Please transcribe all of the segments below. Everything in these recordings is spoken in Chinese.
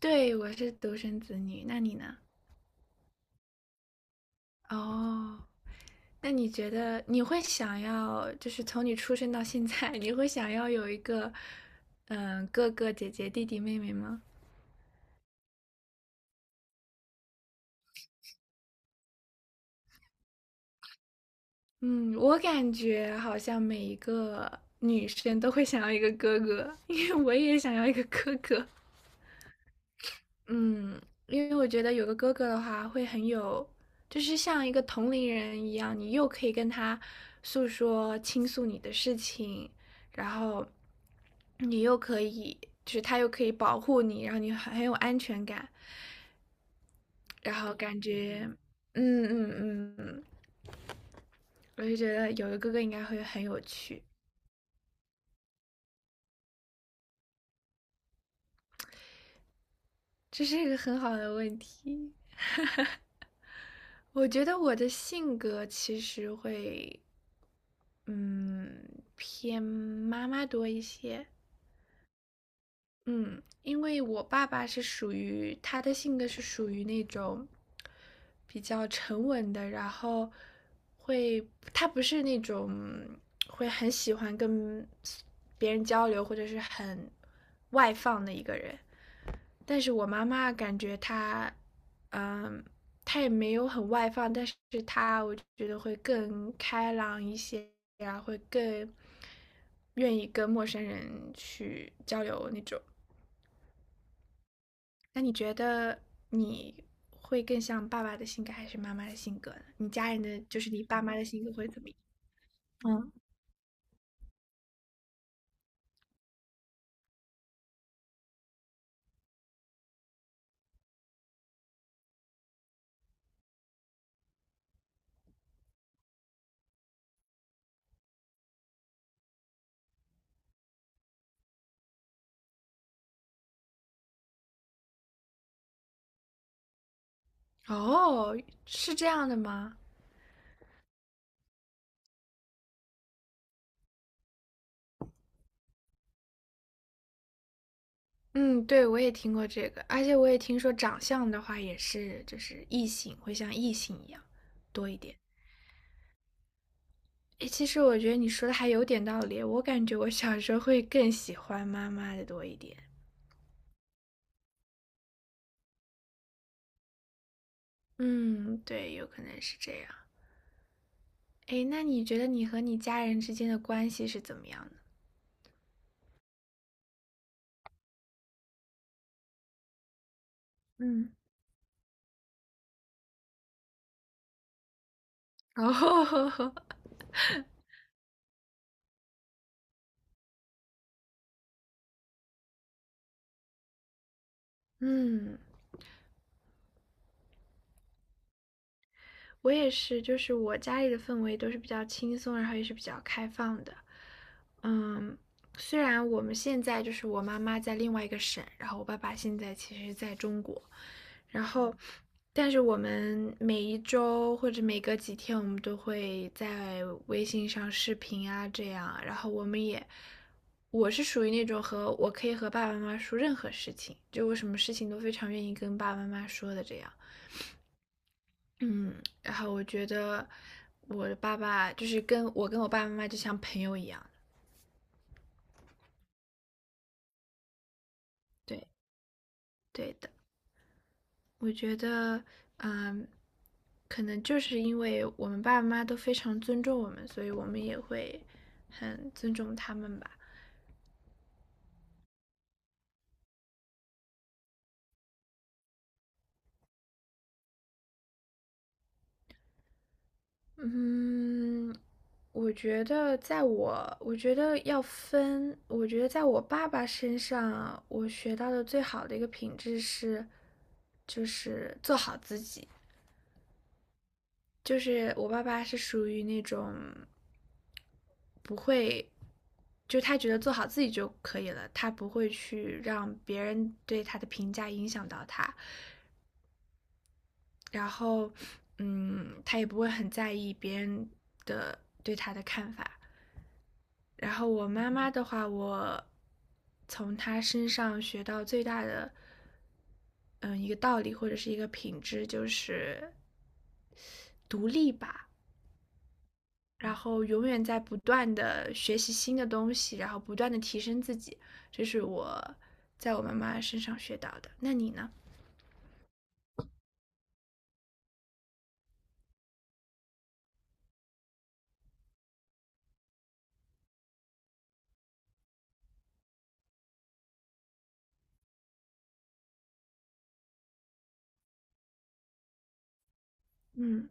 对，我是独生子女，那你呢？哦，那你觉得你会想要，就是从你出生到现在，你会想要有一个，哥哥、姐姐、弟弟、妹妹吗？嗯，我感觉好像每一个女生都会想要一个哥哥，因为我也想要一个哥哥。嗯，因为我觉得有个哥哥的话，会很有，就是像一个同龄人一样，你又可以跟他诉说、倾诉你的事情，然后你又可以，就是他又可以保护你，然后你很有安全感，然后感觉，嗯嗯嗯嗯，我就觉得有个哥哥应该会很有趣，这是一个很好的问题。我觉得我的性格其实会。嗯，偏妈妈多一些。嗯，因为我爸爸是属于他的性格是属于那种比较沉稳的，然后会他不是那种会很喜欢跟别人交流或者是很外放的一个人。但是我妈妈感觉她，嗯，她也没有很外放，但是她我觉得会更开朗一些呀，会更愿意跟陌生人去交流那种。那你觉得你会更像爸爸的性格还是妈妈的性格呢？你家人的就是你爸妈的性格会怎么样？嗯，哦，是这样的吗？嗯，对，我也听过这个，而且我也听说长相的话也是，就是异性会像异性一样多一点。诶，其实我觉得你说的还有点道理，我感觉我小时候会更喜欢妈妈的多一点。嗯，对，有可能是这样。诶，那你觉得你和你家人之间的关系是怎么样的？嗯。哦，嗯，我也是，就是我家里的氛围都是比较轻松，然后也是比较开放的。嗯，虽然我们现在就是我妈妈在另外一个省，然后我爸爸现在其实在中国，然后，但是我们每一周或者每隔几天，我们都会在微信上视频啊，这样，然后我们也，我是属于那种和我可以和爸爸妈妈说任何事情，就我什么事情都非常愿意跟爸爸妈妈说的这样。嗯，然后我觉得我的爸爸就是跟我爸爸妈妈就像朋友一样对对的，我觉得嗯，可能就是因为我们爸爸妈妈都非常尊重我们，所以我们也会很尊重他们吧。嗯，我觉得在我，我觉得要分，我觉得在我爸爸身上，我学到的最好的一个品质是，就是做好自己。就是我爸爸是属于那种不会，就他觉得做好自己就可以了，他不会去让别人对他的评价影响到他，然后，嗯，他也不会很在意别人的对。然后我妈妈的话，我从她身上学到最大的，嗯，一个道理或者是一个品质就是独立吧。然后永远在不断的学习新的东西，然后不断的提升自己，这是我在我妈妈身上学到的。那你呢？嗯，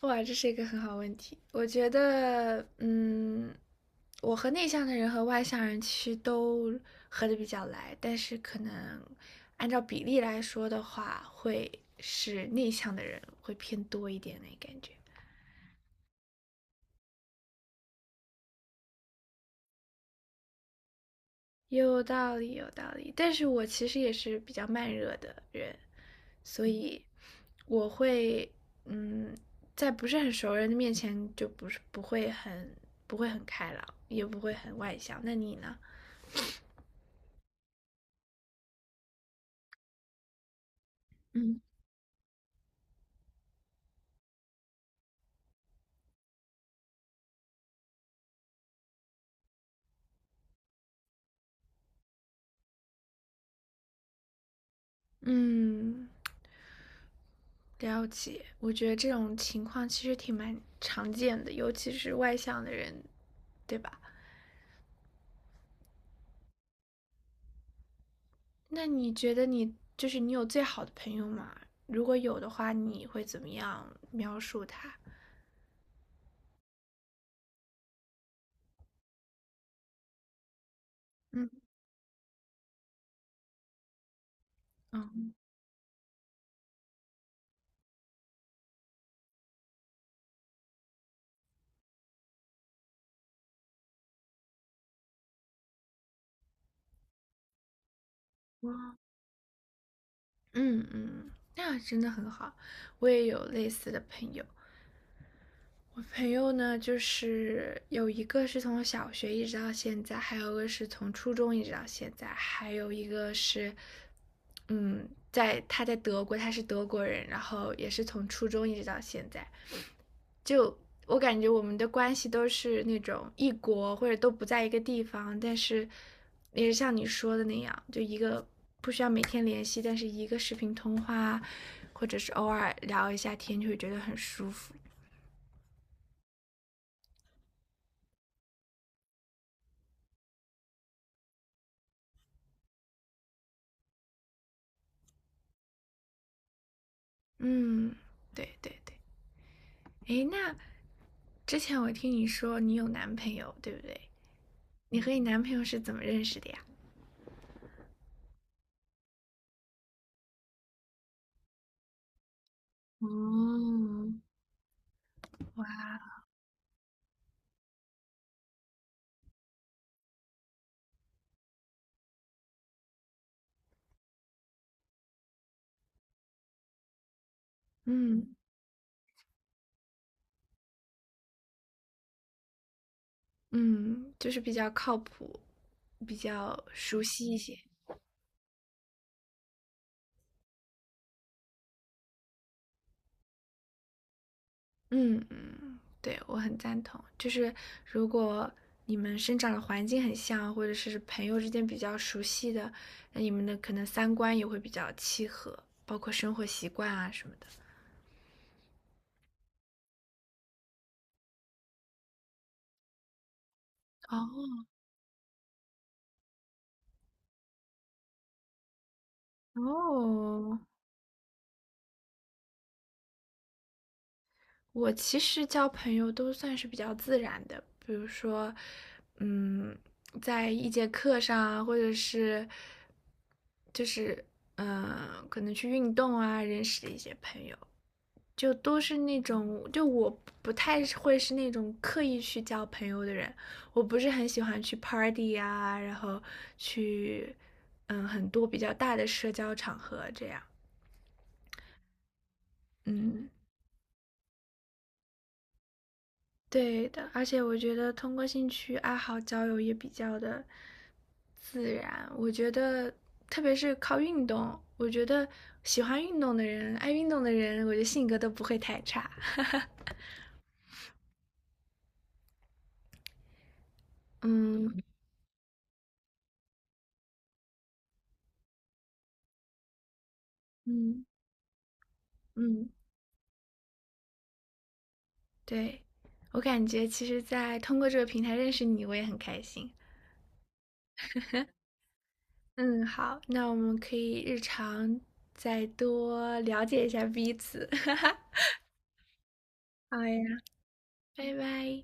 哇，这是一个很好问题。我觉得，嗯，我和内向的人和外向人其实都合的比较来，但是可能按照比例来说的话，会是内向的人会偏多一点那感觉。有道理，有道理。但是我其实也是比较慢热的人，所以我会，嗯，在不是很熟人的面前就不是不会很开朗，也不会很外向。那你呢？嗯嗯，了解。我觉得这种情况其实挺蛮常见的，尤其是外向的人，对吧？那你觉得你就是你有最好的朋友吗？如果有的话，你会怎么样描述他？嗯。嗯哇嗯嗯，那真的很好。我也有类似的朋友，我朋友呢，就是有一个是从小学一直到现在，还有一个是从初中一直到现在，还有一个是，嗯，在他在德国，他是德国人，然后也是从初中一直到现在。就我感觉我们的关系都是那种异国或者都不在一个地方，但是也是像你说的那样，就一个不需要每天联系，但是一个视频通话，或者是偶尔聊一下天，就会觉得很舒服。嗯，对对对。诶，那之前我听你说你有男朋友，对不对？你和你男朋友是怎么认识的呀？嗯，嗯嗯，就是比较靠谱，比较熟悉一些。嗯嗯，对，我很赞同。就是如果你们生长的环境很像，或者是朋友之间比较熟悉的，那你们的可能三观也会比较契合，包括生活习惯啊什么的。哦哦，我其实交朋友都算是比较自然的，比如说，嗯，在一节课上啊，或者是就是可能去运动啊，认识的一些朋友，就都是那种，就我不太会是那种刻意去交朋友的人，我不是很喜欢去 party 啊，然后去很多比较大的社交场合这样，嗯。对的，而且我觉得通过兴趣爱好交友也比较的自然。我觉得，特别是靠运动，我觉得喜欢运动的人、爱运动的人，我觉得性格都不会太差。嗯嗯嗯，对，我感觉其实，在通过这个平台认识你，我也很开心。嗯，好，那我们可以日常再多了解一下彼此。好呀，拜拜。